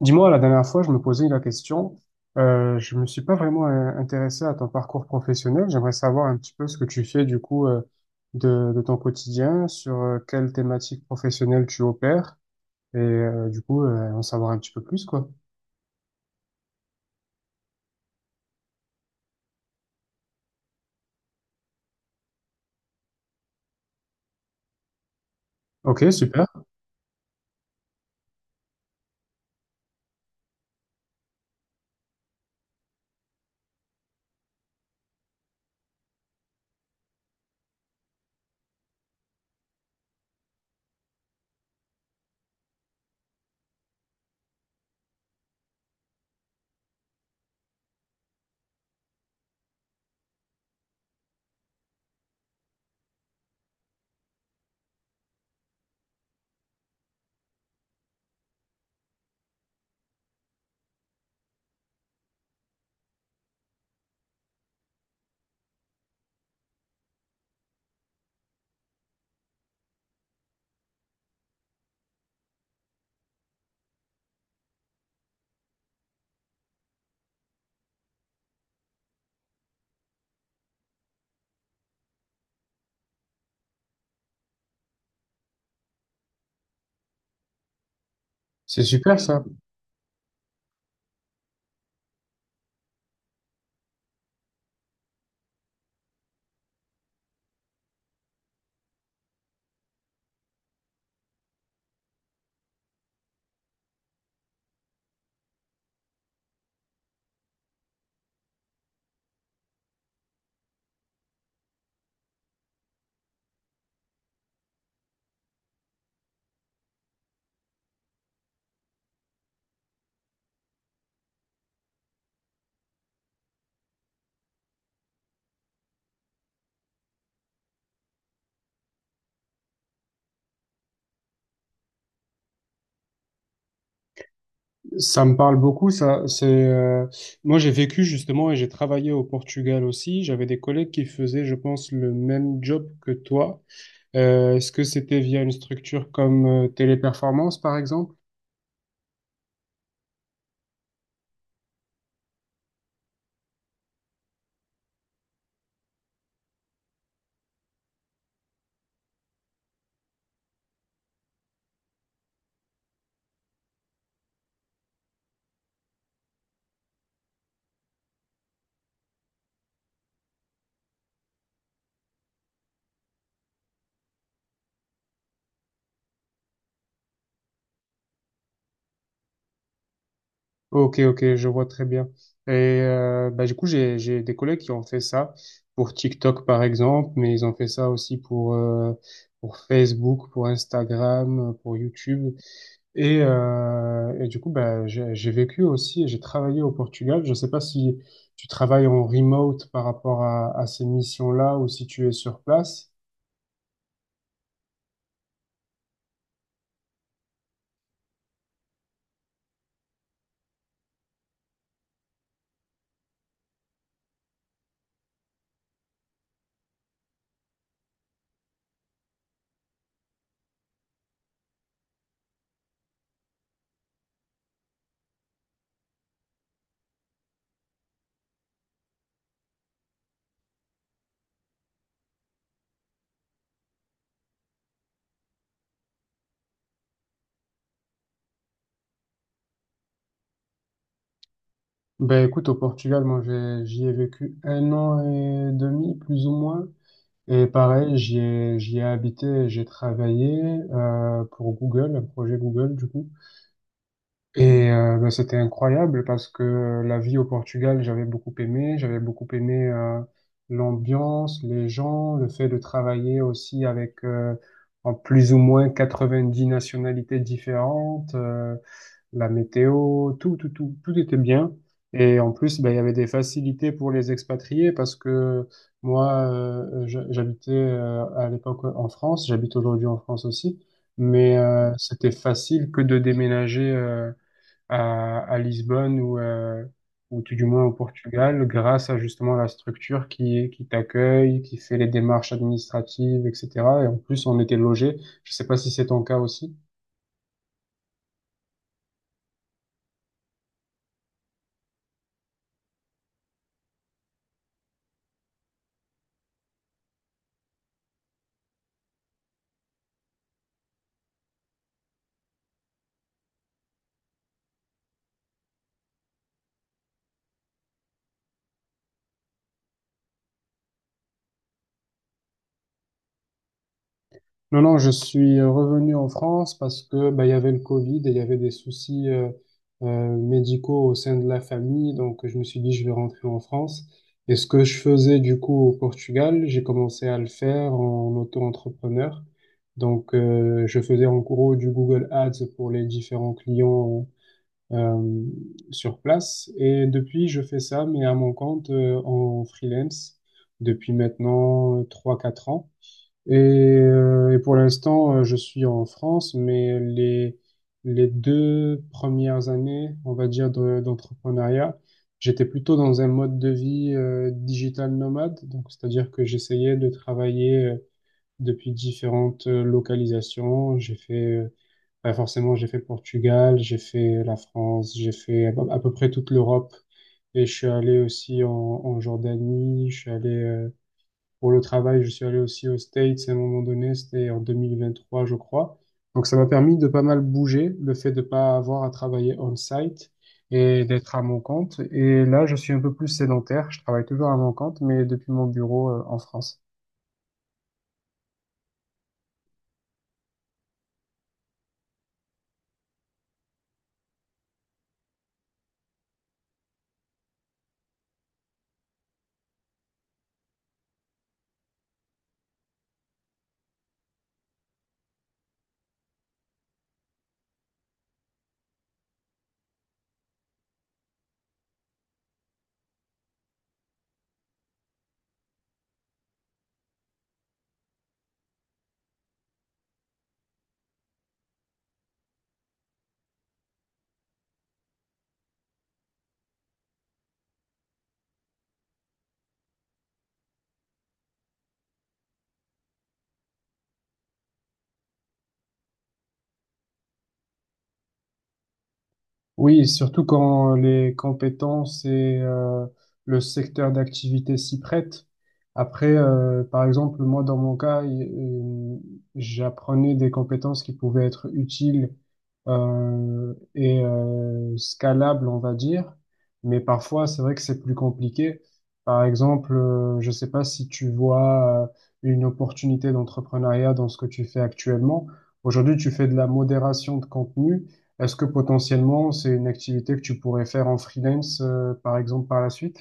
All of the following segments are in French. Dis-moi, la dernière fois, je me posais la question. Je me suis pas vraiment intéressé à ton parcours professionnel. J'aimerais savoir un petit peu ce que tu fais du coup de ton quotidien, sur quelle thématique professionnelle tu opères, et en savoir un petit peu plus quoi. Ok, super. C'est super ça. Ça me parle beaucoup. Ça, c'est moi j'ai vécu justement et j'ai travaillé au Portugal aussi. J'avais des collègues qui faisaient, je pense, le même job que toi. Est-ce que c'était via une structure comme Téléperformance, par exemple? Ok, ok, je vois très bien. Et bah, du coup, j'ai des collègues qui ont fait ça pour TikTok, par exemple, mais ils ont fait ça aussi pour Facebook, pour Instagram, pour YouTube. Et du coup, bah, j'ai vécu aussi, et j'ai travaillé au Portugal. Je ne sais pas si tu travailles en remote par rapport à ces missions-là ou si tu es sur place. Ben écoute, au Portugal, j'y ai vécu un an et demi, plus ou moins. Et pareil, j'y ai habité, et j'ai travaillé pour Google, un projet Google du coup. Et ben, c'était incroyable parce que la vie au Portugal, j'avais beaucoup aimé. J'avais beaucoup aimé l'ambiance, les gens, le fait de travailler aussi avec en plus ou moins 90 nationalités différentes. La météo, tout, tout, tout, tout était bien. Et en plus, ben, il y avait des facilités pour les expatriés parce que moi, j'habitais à l'époque en France, j'habite aujourd'hui en France aussi, mais c'était facile que de déménager à Lisbonne ou tout du moins au Portugal grâce à justement la structure qui t'accueille, qui fait les démarches administratives, etc. Et en plus, on était logé. Je sais pas si c'est ton cas aussi. Non, non, je suis revenu en France parce que bah, il y avait le Covid et il y avait des soucis médicaux au sein de la famille. Donc, je me suis dit, je vais rentrer en France. Et ce que je faisais du coup au Portugal, j'ai commencé à le faire en auto-entrepreneur. Donc, je faisais en gros du Google Ads pour les différents clients euh, sur place. Et depuis, je fais ça, mais à mon compte en freelance depuis maintenant trois quatre ans. Et pour l'instant, je suis en France, mais les deux premières années, on va dire, d'entrepreneuriat, j'étais plutôt dans un mode de vie digital nomade. Donc, c'est-à-dire que j'essayais de travailler depuis différentes localisations. J'ai fait, bah, forcément, j'ai fait le Portugal, j'ai fait la France, j'ai fait à peu près toute l'Europe. Et je suis allé aussi en Jordanie, je suis allé pour le travail, je suis allé aussi aux States à un moment donné, c'était en 2023, je crois. Donc ça m'a permis de pas mal bouger, le fait de pas avoir à travailler on-site et d'être à mon compte. Et là, je suis un peu plus sédentaire, je travaille toujours à mon compte, mais depuis mon bureau, en France. Oui, surtout quand les compétences et le secteur d'activité s'y prêtent. Après, par exemple, moi, dans mon cas, j'apprenais des compétences qui pouvaient être utiles scalables, on va dire. Mais parfois, c'est vrai que c'est plus compliqué. Par exemple, je ne sais pas si tu vois une opportunité d'entrepreneuriat dans ce que tu fais actuellement. Aujourd'hui, tu fais de la modération de contenu. Est-ce que potentiellement c'est une activité que tu pourrais faire en freelance, par exemple, par la suite?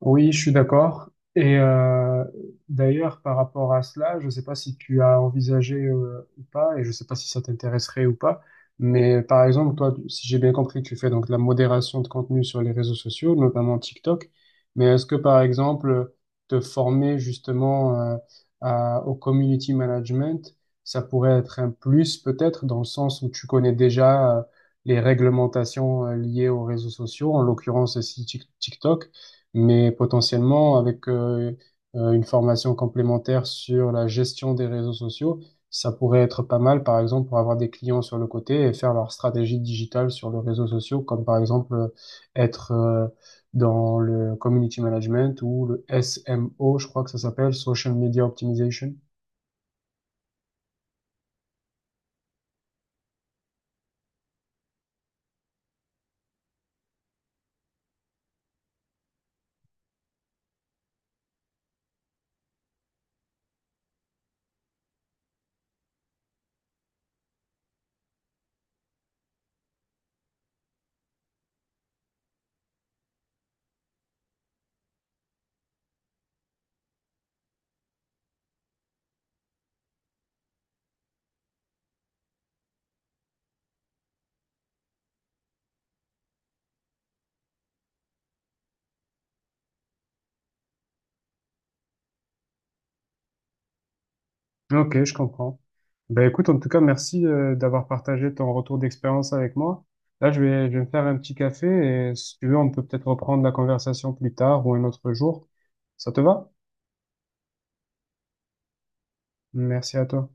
Oui, je suis d'accord. Et d'ailleurs, par rapport à cela, je ne sais pas si tu as envisagé ou pas, et je ne sais pas si ça t'intéresserait ou pas, mais par exemple, si j'ai bien compris, tu fais donc de la modération de contenu sur les réseaux sociaux, notamment TikTok, mais est-ce que par exemple, te former justement au community management, ça pourrait être un plus peut-être dans le sens où tu connais déjà les réglementations liées aux réseaux sociaux, en l'occurrence ici TikTok. Mais potentiellement, avec une formation complémentaire sur la gestion des réseaux sociaux, ça pourrait être pas mal, par exemple, pour avoir des clients sur le côté et faire leur stratégie digitale sur les réseaux sociaux, comme par exemple être dans le community management ou le SMO, je crois que ça s'appelle, Social Media Optimization. Ok, je comprends. Ben écoute, en tout cas, merci d'avoir partagé ton retour d'expérience avec moi. Là, je vais me faire un petit café et si tu veux, on peut peut-être reprendre la conversation plus tard ou un autre jour. Ça te va? Merci à toi.